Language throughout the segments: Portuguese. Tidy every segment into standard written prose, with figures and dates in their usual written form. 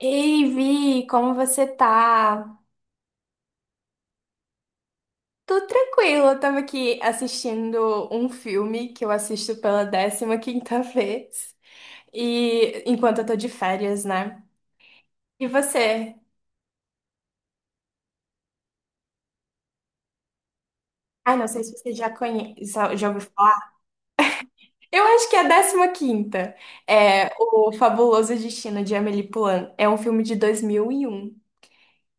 Ei, Vi, como você tá? Tô tranquila, eu tava aqui assistindo um filme que eu assisto pela décima quinta vez, e enquanto eu tô de férias, né? E você? Ai, não sei se você já conhece, já ouviu falar. Eu acho que é a décima quinta. É O Fabuloso Destino de Amélie Poulain. É um filme de 2001.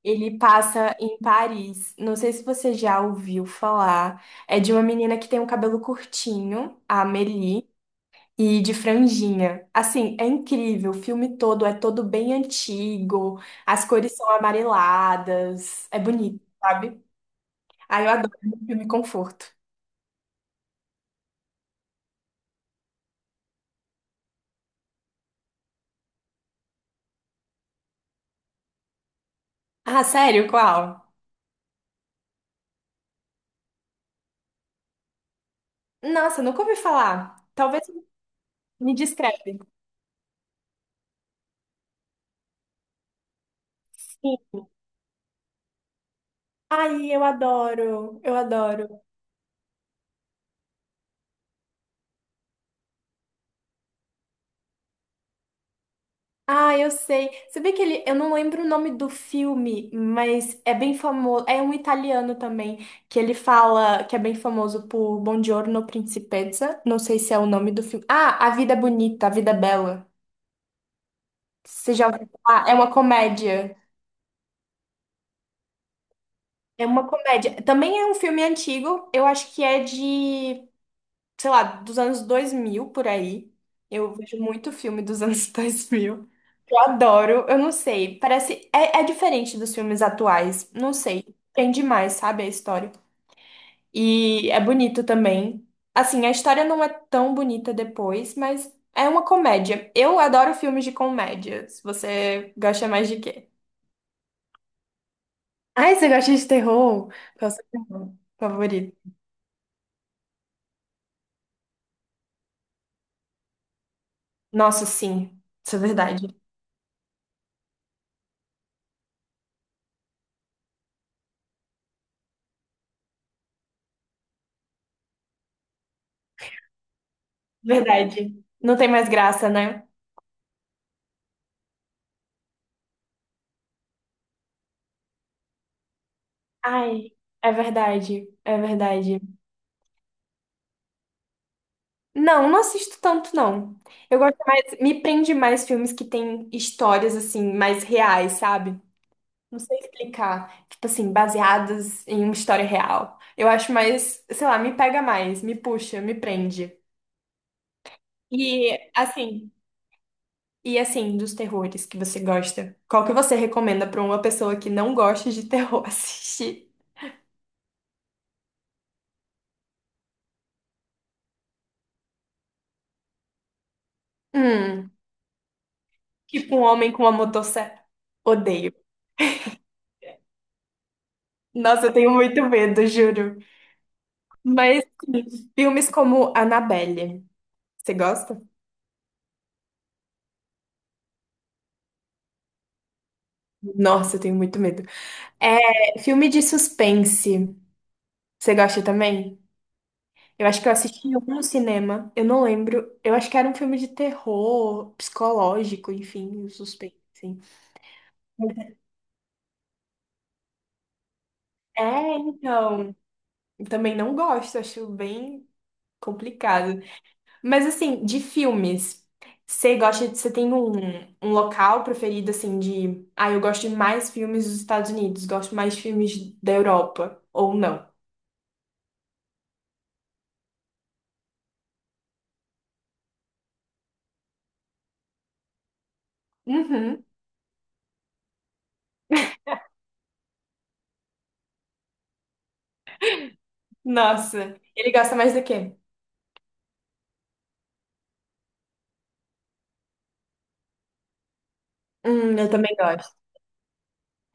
Ele passa em Paris. Não sei se você já ouviu falar. É de uma menina que tem um cabelo curtinho, a Amélie. E de franjinha. Assim, é incrível. O filme todo é todo bem antigo. As cores são amareladas. É bonito, sabe? Ah, eu adoro filme conforto. Ah, sério? Qual? Nossa, nunca ouvi falar. Talvez me descreve. Sim. Ai, eu adoro. Eu adoro. Ah, eu sei. Você vê que ele, eu não lembro o nome do filme, mas é bem famoso. É um italiano também, que ele fala que é bem famoso por Buongiorno Principessa. Não sei se é o nome do filme. Ah, A Vida é Bonita, A Vida é Bela. Você já ouviu falar? É uma comédia. É uma comédia. Também é um filme antigo. Eu acho que é de, sei lá, dos anos 2000 por aí. Eu vejo muito filme dos anos dois mil. Eu adoro, eu não sei, parece, é diferente dos filmes atuais, não sei, prende mais, sabe, a história. E é bonito também. Assim, a história não é tão bonita depois, mas é uma comédia. Eu adoro filmes de comédia. Se você gosta mais de quê? Ai, você gosta de terror? Qual é o seu terror favorito? Nossa, sim, isso é verdade. Verdade. Não tem mais graça, né? Ai, é verdade, é verdade. Não, não assisto tanto, não. Eu gosto mais, me prende mais filmes que têm histórias, assim, mais reais, sabe? Não sei explicar. Tipo assim, baseadas em uma história real. Eu acho mais, sei lá, me pega mais, me puxa, me prende. E, assim, e assim, dos terrores que você gosta, qual que você recomenda pra uma pessoa que não gosta de terror assistir? Hum, tipo um homem com uma motosserra. Odeio. Nossa, eu tenho muito medo, juro. Mas filmes como Annabelle, você gosta? Nossa, eu tenho muito medo. É, filme de suspense, você gosta também? Eu acho que eu assisti em algum cinema, eu não lembro. Eu acho que era um filme de terror, psicológico, enfim, um suspense, assim. É, então, eu também não gosto, acho bem complicado. Mas assim, de filmes, você gosta, você tem um local preferido assim de, ah, eu gosto de mais filmes dos Estados Unidos, gosto mais de filmes da Europa ou não? Uhum. Nossa, ele gosta mais do quê? Eu também gosto.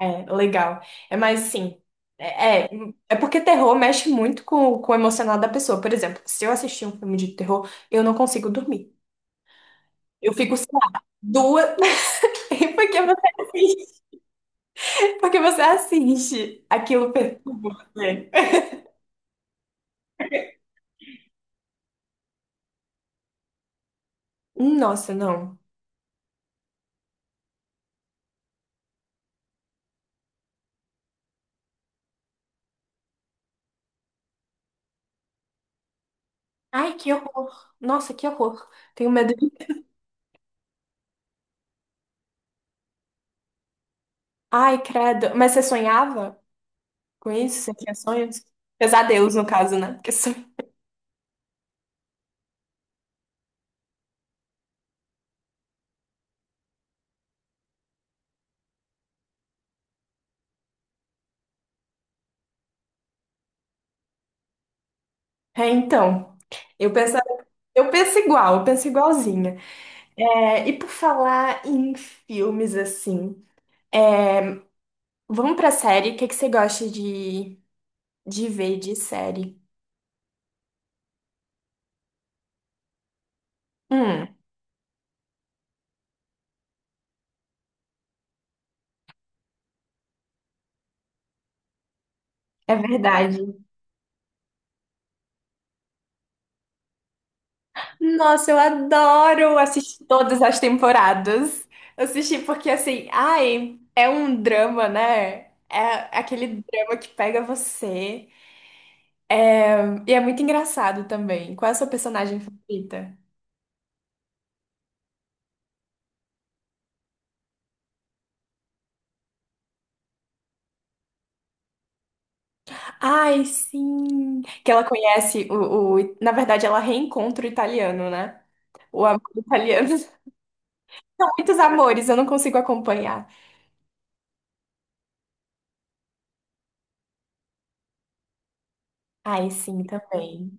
É, legal. É mais assim, é, é, é porque terror mexe muito com o emocional da pessoa. Por exemplo, se eu assistir um filme de terror, eu não consigo dormir. Eu fico, sei lá, duas. Porque você assiste, porque você assiste aquilo. É. Nossa, não. Ai, que horror. Nossa, que horror. Tenho medo de. Ai, credo. Mas você sonhava com isso? Você tinha sonhos? Pesadelos, no caso, né? Porque sonho. É, então. Eu penso, eu penso igualzinha. É, e por falar em filmes assim, vamos pra série. O que que você gosta de ver de série? Hum, é verdade. Nossa, eu adoro assistir todas as temporadas. Eu assisti porque, assim, ai, é um drama, né? É aquele drama que pega você. É, e é muito engraçado também. Qual é a sua personagem favorita? Ai, sim! Que ela conhece o... Na verdade, ela reencontra o italiano, né? O amor italiano. São muitos amores, eu não consigo acompanhar. Ai, sim, também.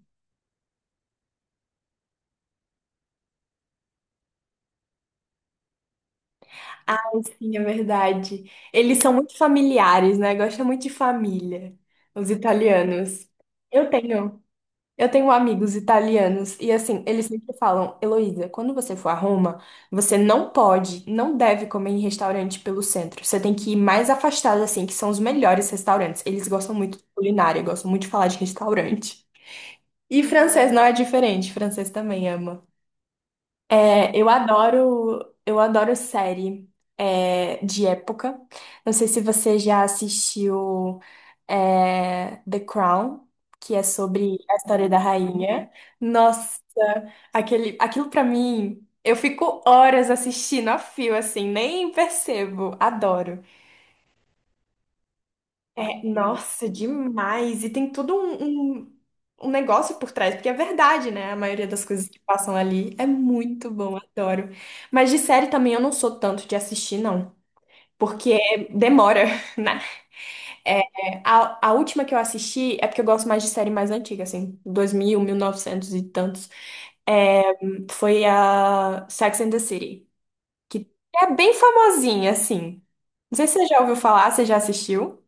Ah, sim, é verdade. Eles são muito familiares, né? Gostam muito de família, os italianos. Eu tenho, eu tenho amigos italianos e assim, eles sempre falam, Heloísa, quando você for a Roma, você não pode, não deve comer em restaurante pelo centro. Você tem que ir mais afastado, assim, que são os melhores restaurantes. Eles gostam muito de culinária, gostam muito de falar de restaurante. E francês não é diferente, francês também ama. É, eu adoro série, é, de época. Não sei se você já assistiu, é, The Crown, que é sobre a história da rainha. Nossa, aquele, aquilo pra mim, eu fico horas assistindo a fio, assim, nem percebo. Adoro. É, nossa, demais. E tem todo um negócio por trás, porque é verdade, né? A maioria das coisas que passam ali é muito bom, adoro. Mas de série também eu não sou tanto de assistir, não. Porque demora, né? É, a última que eu assisti é porque eu gosto mais de série mais antiga, assim, 2000, novecentos e tantos. É, foi a Sex and the City, que é bem famosinha, assim. Não sei se você já ouviu falar, você já assistiu?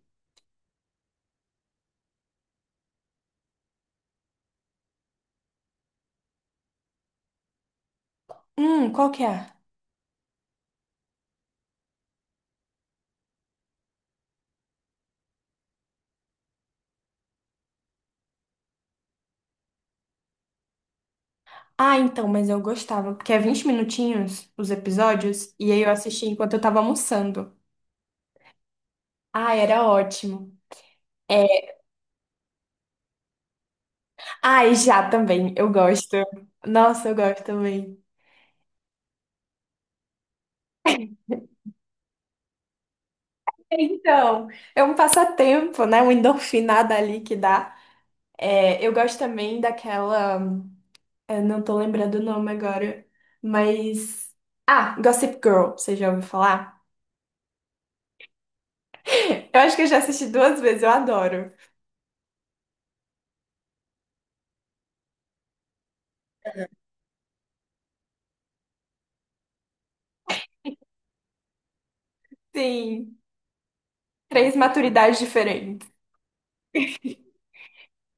Qual que é? Ah, então, mas eu gostava, porque é 20 minutinhos os episódios, e aí eu assisti enquanto eu tava almoçando. Ah, era ótimo. É. Ah, e já também, eu gosto. Nossa, eu gosto também. Então, é um passatempo, né? Uma endorfinada ali que dá. É, eu gosto também daquela. Eu não tô lembrando o nome agora, mas. Ah, Gossip Girl, você já ouviu falar? Eu acho que eu já assisti duas vezes, eu adoro. Sim, três maturidades diferentes.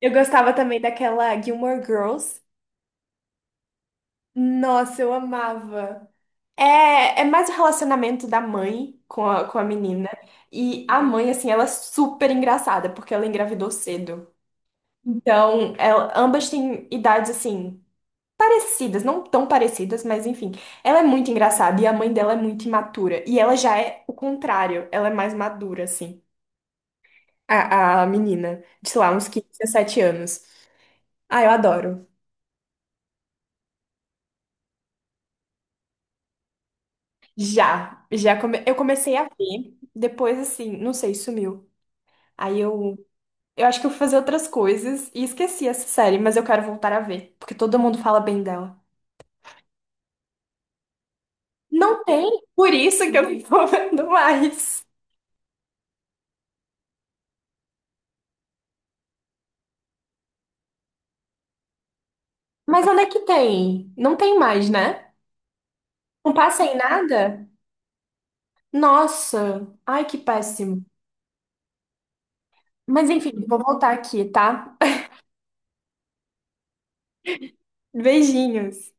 Eu gostava também daquela Gilmore Girls. Nossa, eu amava. É, é mais o relacionamento da mãe com a menina. E a mãe, assim, ela é super engraçada, porque ela engravidou cedo. Então, ela- ambas têm idades, assim, parecidas. Não tão parecidas, mas enfim. Ela é muito engraçada e a mãe dela é muito imatura. E ela já é o contrário. Ela é mais madura, assim, a menina. De, sei lá, uns 15, 17 anos. Ah, eu adoro. Já, já come... eu comecei a ver, depois assim, não sei, sumiu. Aí eu acho que eu fui fazer outras coisas e esqueci essa série, mas eu quero voltar a ver, porque todo mundo fala bem dela. Não tem, por isso que eu não tô vendo mais. Mas onde é que tem? Não tem mais, né? Não passa em nada? Nossa, ai que péssimo. Mas enfim, vou voltar aqui, tá? Beijinhos.